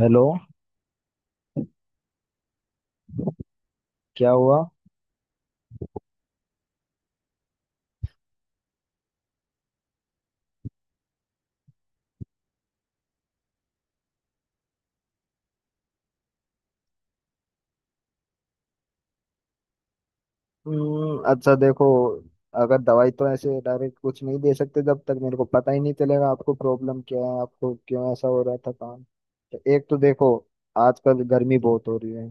Hello. क्या हुआ? अच्छा देखो, अगर दवाई तो ऐसे डायरेक्ट कुछ नहीं दे सकते जब तक मेरे को पता ही नहीं चलेगा आपको प्रॉब्लम क्या है, आपको क्यों ऐसा हो रहा था काम। तो एक तो देखो, आजकल गर्मी बहुत हो रही है,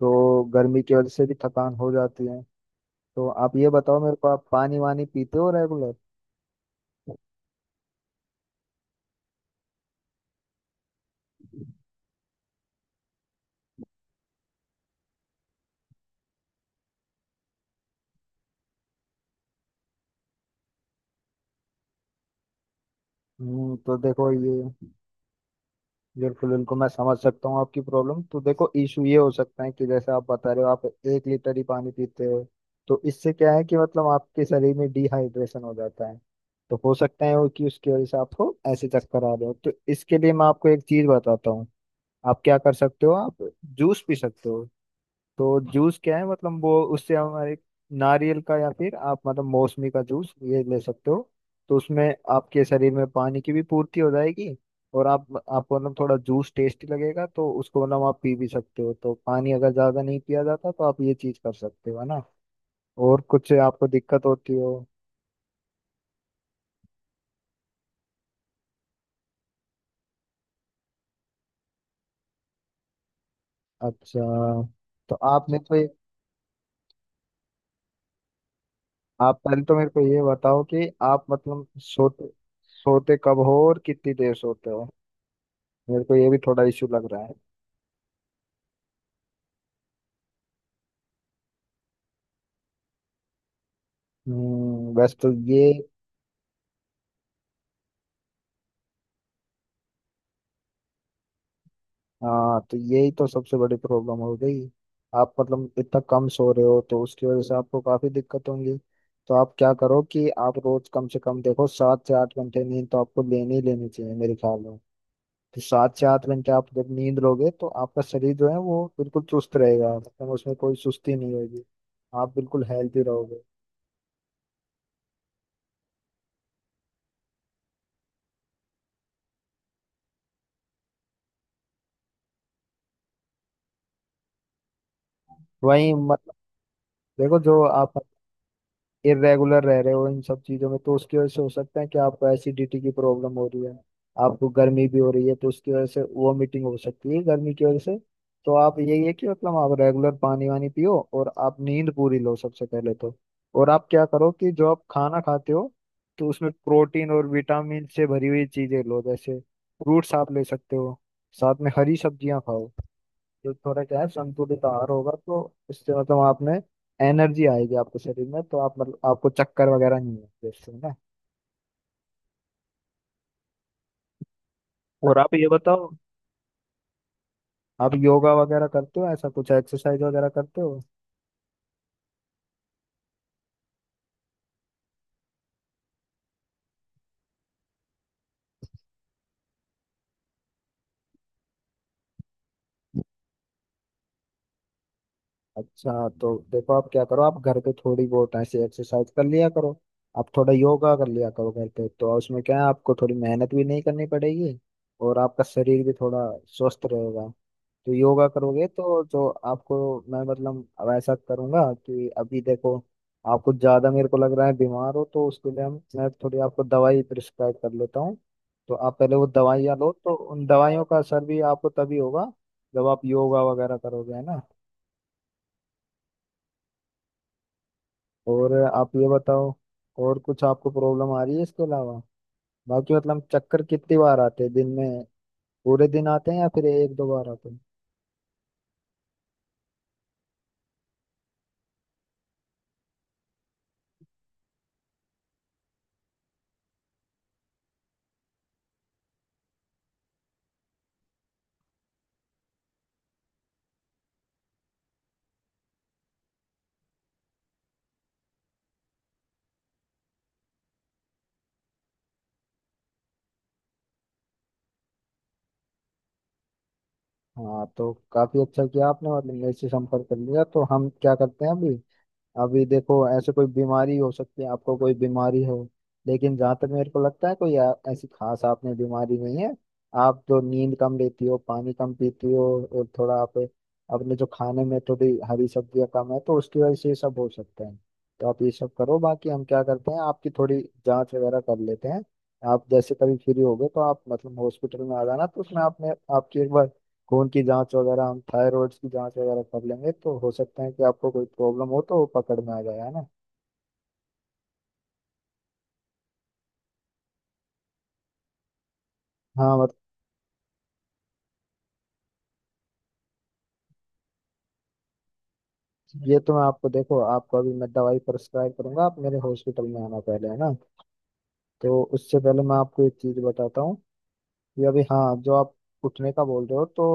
तो गर्मी की वजह से भी थकान हो जाती है। तो आप ये बताओ मेरे को, आप पानी वानी पीते हो रेगुलर? तो देखो ये बिल्कुल बिल्कुल मैं समझ सकता हूँ आपकी प्रॉब्लम। तो देखो, इशू ये हो सकता है कि जैसे आप बता रहे हो आप 1 लीटर ही पानी पीते हो, तो इससे क्या है कि मतलब आपके शरीर में डिहाइड्रेशन हो जाता है। तो हो सकता है वो कि उसकी वजह से आपको ऐसे चक्कर आ रहे हो, तो इसके लिए मैं आपको एक चीज बताता हूँ। आप क्या कर सकते हो, आप जूस पी सकते हो। तो जूस क्या है, मतलब वो उससे हमारे नारियल का या फिर आप मतलब मौसमी का जूस ये ले सकते हो। तो उसमें आपके शरीर में पानी की भी पूर्ति हो जाएगी, और आप आपको मतलब थोड़ा जूस टेस्टी लगेगा, तो उसको मतलब आप पी भी सकते हो। तो पानी अगर ज्यादा नहीं पिया जाता तो आप ये चीज कर सकते हो, है ना। और कुछ आपको दिक्कत होती हो? अच्छा, तो आप मेरे को आप पहले तो मेरे को ये बताओ कि आप मतलब सोते सोते कब हो और कितनी देर सोते हो, मेरे को ये भी थोड़ा इश्यू लग रहा है। वैसे तो ये हाँ तो यही तो सबसे बड़ी प्रॉब्लम हो गई। आप मतलब इतना कम सो रहे हो तो उसकी वजह से आपको काफी दिक्कत होंगी। तो आप क्या करो कि आप रोज कम से कम देखो 7 से 8 घंटे नींद तो आपको लेनी ही लेनी चाहिए मेरे ख्याल में। तो 7 से 8 घंटे आप जब नींद लोगे तो आपका शरीर जो है वो बिल्कुल चुस्त रहेगा, मतलब उसमें कोई सुस्ती नहीं होगी, आप बिल्कुल हेल्थी रहोगे। वहीं मतलब देखो, जो आप इरेगुलर रह रहे हो इन सब चीजों में, तो उसकी वजह से हो सकता है कि आपको एसिडिटी की प्रॉब्लम हो रही है। आपको गर्मी भी हो रही है तो उसकी वजह से वॉमिटिंग हो सकती है गर्मी की वजह से। तो आप यही है कि मतलब आप रेगुलर पानी वानी पियो और आप नींद पूरी लो सबसे पहले तो। और आप क्या करो कि जो आप खाना खाते हो तो उसमें प्रोटीन और विटामिन से भरी हुई चीजें लो। जैसे फ्रूट्स आप ले सकते हो, साथ में हरी सब्जियां खाओ, तो थोड़ा क्या है संतुलित आहार होगा तो इससे मतलब आपने एनर्जी आएगी आपके शरीर में, तो आप मतलब आपको चक्कर वगैरह नहीं आएंगे इससे ना। और आप ये बताओ, आप योगा वगैरह करते हो, ऐसा कुछ एक्सरसाइज वगैरह करते हो? अच्छा, तो देखो आप क्या करो, आप घर पे थोड़ी बहुत ऐसे एक्सरसाइज कर लिया करो, आप थोड़ा योगा कर लिया करो घर पे। तो उसमें क्या है, आपको थोड़ी मेहनत भी नहीं करनी पड़ेगी और आपका शरीर भी थोड़ा स्वस्थ रहेगा। तो योगा करोगे तो जो आपको मैं मतलब अब ऐसा करूंगा कि अभी देखो आप कुछ ज्यादा मेरे को लग रहा है बीमार हो, तो उसके लिए हम मैं थोड़ी आपको दवाई प्रिस्क्राइब कर लेता हूँ। तो आप पहले वो दवाइयाँ लो, तो उन दवाइयों का असर भी आपको तभी होगा जब आप योगा वगैरह करोगे, है ना। और आप ये बताओ, और कुछ आपको प्रॉब्लम आ रही है इसके अलावा? बाकी मतलब चक्कर कितनी बार आते हैं दिन में, पूरे दिन आते हैं या फिर 1 2 बार आते हैं? हाँ तो काफी अच्छा किया आपने मतलब मेरे से संपर्क कर लिया, तो हम क्या करते हैं अभी। अभी देखो ऐसे कोई बीमारी हो सकती है, आपको कोई बीमारी हो, लेकिन जहाँ तक मेरे को लगता है कोई ऐसी खास आपने बीमारी नहीं है। आप तो नींद कम लेती हो, पानी कम पीती हो, और थोड़ा आप अपने जो खाने में थोड़ी हरी सब्जियाँ कम है, तो उसकी वजह से ये सब हो सकता है। तो आप ये सब करो, बाकी हम क्या करते हैं आपकी थोड़ी जांच वगैरह कर लेते हैं। आप जैसे कभी फ्री होगे तो आप मतलब हॉस्पिटल में आ जाना, तो उसमें आपने आपकी एक बार खून की जांच वगैरह हम थायराइड की जांच वगैरह कर लेंगे, तो हो सकता है कि आपको कोई प्रॉब्लम हो तो वो पकड़ में आ जाए, है ना। हाँ मतलब ये तो मैं आपको देखो आपको अभी मैं दवाई प्रिस्क्राइब करूंगा, आप मेरे हॉस्पिटल में आना पहले, है ना। तो उससे पहले मैं आपको एक चीज बताता हूँ कि अभी हाँ जो आप उठने का बोल रहे हो, तो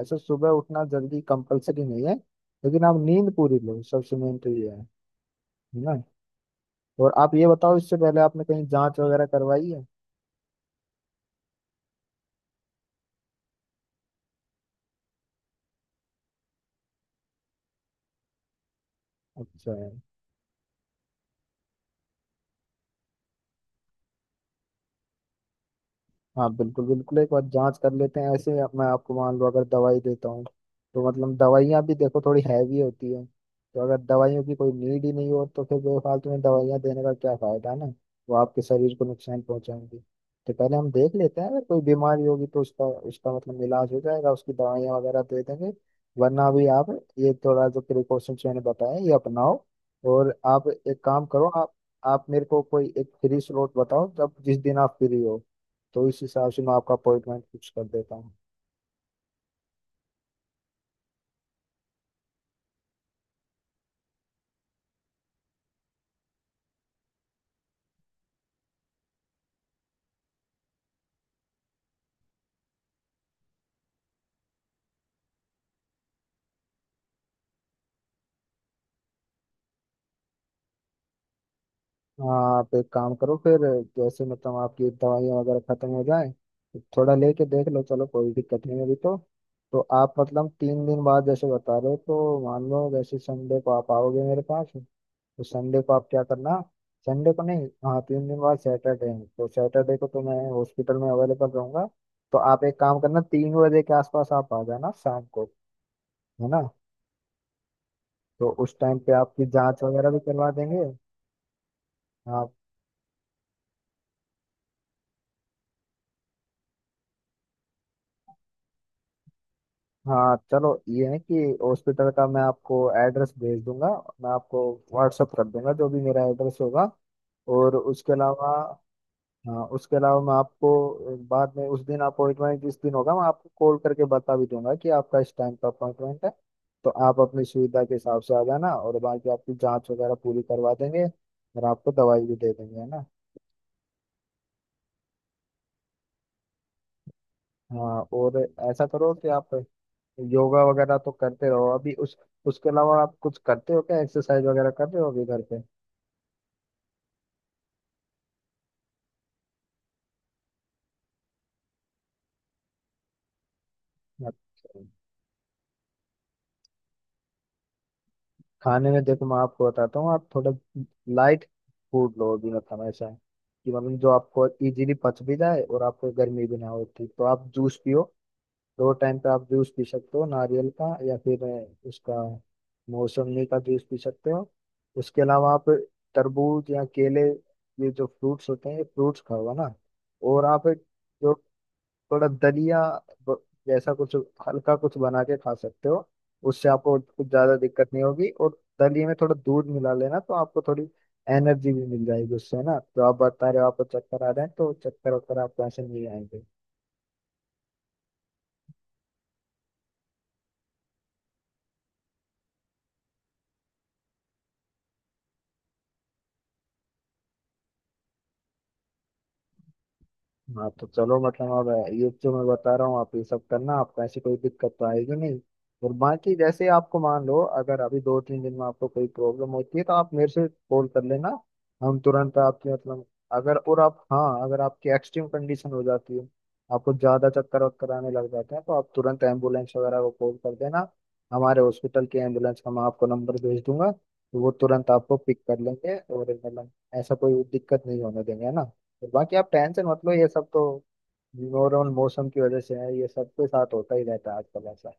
ऐसे सुबह उठना जल्दी कंपलसरी नहीं है, लेकिन आप नींद पूरी लो, सबसे मेन तो ये है ना। और आप ये बताओ, इससे पहले आपने कहीं जांच वगैरह करवाई है? अच्छा। हाँ बिल्कुल बिल्कुल एक बार जांच कर लेते हैं ऐसे ही। अब मैं आपको मान लो अगर दवाई देता हूँ तो मतलब दवाइयाँ भी देखो थोड़ी हैवी होती है, तो अगर दवाइयों की कोई नीड ही नहीं हो तो फिर बेफालतू में दवाइयाँ देने का क्या फायदा, है ना। वो आपके शरीर को नुकसान पहुंचाएंगी। तो पहले हम देख लेते हैं, अगर कोई बीमारी होगी तो उसका उसका मतलब इलाज हो जाएगा, उसकी दवाइयाँ वगैरह दे देंगे। वरना भी आप ये थोड़ा जो प्रिकॉशंस मैंने बताया ये अपनाओ। और आप एक काम करो, आप मेरे को कोई एक फ्री स्लॉट बताओ जब जिस दिन आप फ्री हो, तो इस हिसाब से मैं आपका अपॉइंटमेंट फिक्स कर देता हूँ। हाँ आप एक काम करो फिर, जैसे मतलब आपकी दवाइयाँ वगैरह खत्म हो जाए, थोड़ा लेके देख लो, चलो कोई दिक्कत नहीं है अभी तो। तो आप मतलब 3 दिन बाद जैसे बता रहे हो तो मान लो जैसे संडे को आप आओगे मेरे पास, तो संडे को आप क्या करना, संडे को नहीं, हाँ 3 दिन बाद सैटरडे है तो सैटरडे को तो मैं हॉस्पिटल में अवेलेबल रहूंगा। तो आप एक काम करना, 3 बजे के आसपास आप आ जाना शाम को, है ना। तो उस टाइम पे आपकी जांच वगैरह भी करवा देंगे। हाँ, हाँ चलो ये है कि हॉस्पिटल का मैं आपको एड्रेस भेज दूंगा, मैं आपको व्हाट्सअप कर दूंगा जो भी मेरा एड्रेस होगा। और उसके अलावा हाँ उसके अलावा मैं आपको बाद में उस दिन अपॉइंटमेंट जिस दिन होगा मैं आपको कॉल करके बता भी दूंगा कि आपका इस टाइम का अपॉइंटमेंट है। तो आप अपनी सुविधा के हिसाब से आ जाना, और बाकी आपकी जांच वगैरह पूरी करवा देंगे और आपको दवाई भी दे देंगे, है ना। हाँ और ऐसा करो कि आप योगा वगैरह तो करते रहो अभी। उस उसके अलावा आप कुछ करते हो क्या, एक्सरसाइज वगैरह कर रहे हो अभी घर पे? अच्छा, खाने में देखो मैं आपको बताता हूँ, आप थोड़ा लाइट फूड लो अभी। मतलब ऐसा है कि मतलब जो आपको इजीली पच भी जाए और आपको गर्मी भी ना होती, तो आप जूस पियो। दो टाइम पे आप जूस पी सकते हो, नारियल का या फिर उसका मौसमी का जूस पी सकते हो। उसके अलावा आप तरबूज या केले, ये जो फ्रूट्स होते हैं ये फ्रूट्स खाओ, है ना। और आप जो थोड़ा दलिया ब- जैसा कुछ हल्का कुछ बना के खा सकते हो, उससे आपको कुछ ज्यादा दिक्कत नहीं होगी। और दलिए में थोड़ा दूध मिला लेना तो आपको थोड़ी एनर्जी भी मिल जाएगी उससे ना। तो आप बता रहे हो आपको चक्कर आ रहे हैं, तो चक्कर वक्कर आपको ऐसे नहीं आएंगे। हाँ तो चलो मतलब अब ये जो मैं बता रहा हूँ आप ये सब करना, आपको ऐसी कोई दिक्कत तो आएगी नहीं। और बाकी जैसे आपको मान लो अगर अभी 2 3 दिन में आपको कोई प्रॉब्लम होती है तो आप मेरे से कॉल कर लेना, हम तुरंत आपकी मतलब अगर और आप हाँ अगर आपकी एक्सट्रीम कंडीशन हो जाती है, आपको ज्यादा चक्कर वक्कर आने लग जाते हैं, तो आप तुरंत एम्बुलेंस वगैरह को कॉल कर देना। हमारे हॉस्पिटल की एम्बुलेंस का मैं आपको नंबर भेज दूंगा, तो वो तुरंत आपको पिक कर लेंगे और मतलब ऐसा कोई दिक्कत नहीं होने देंगे, है ना। बाकी आप टेंशन मत लो, ये सब तो ओवरऑल मौसम की वजह से है, ये सबके साथ होता ही रहता है आजकल ऐसा।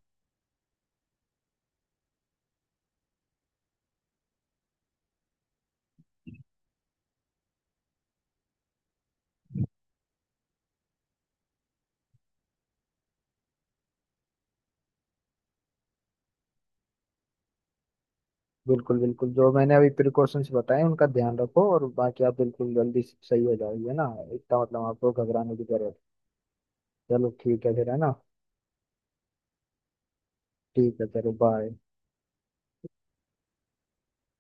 बिल्कुल बिल्कुल जो मैंने अभी प्रिकॉशंस बताए उनका ध्यान रखो, और बाकी आप बिल्कुल जल्दी सही हो जाओगे ना। इतना मतलब आपको घबराने की जरूरत। चलो ठीक है फिर, है ना। ठीक है चलो बाय।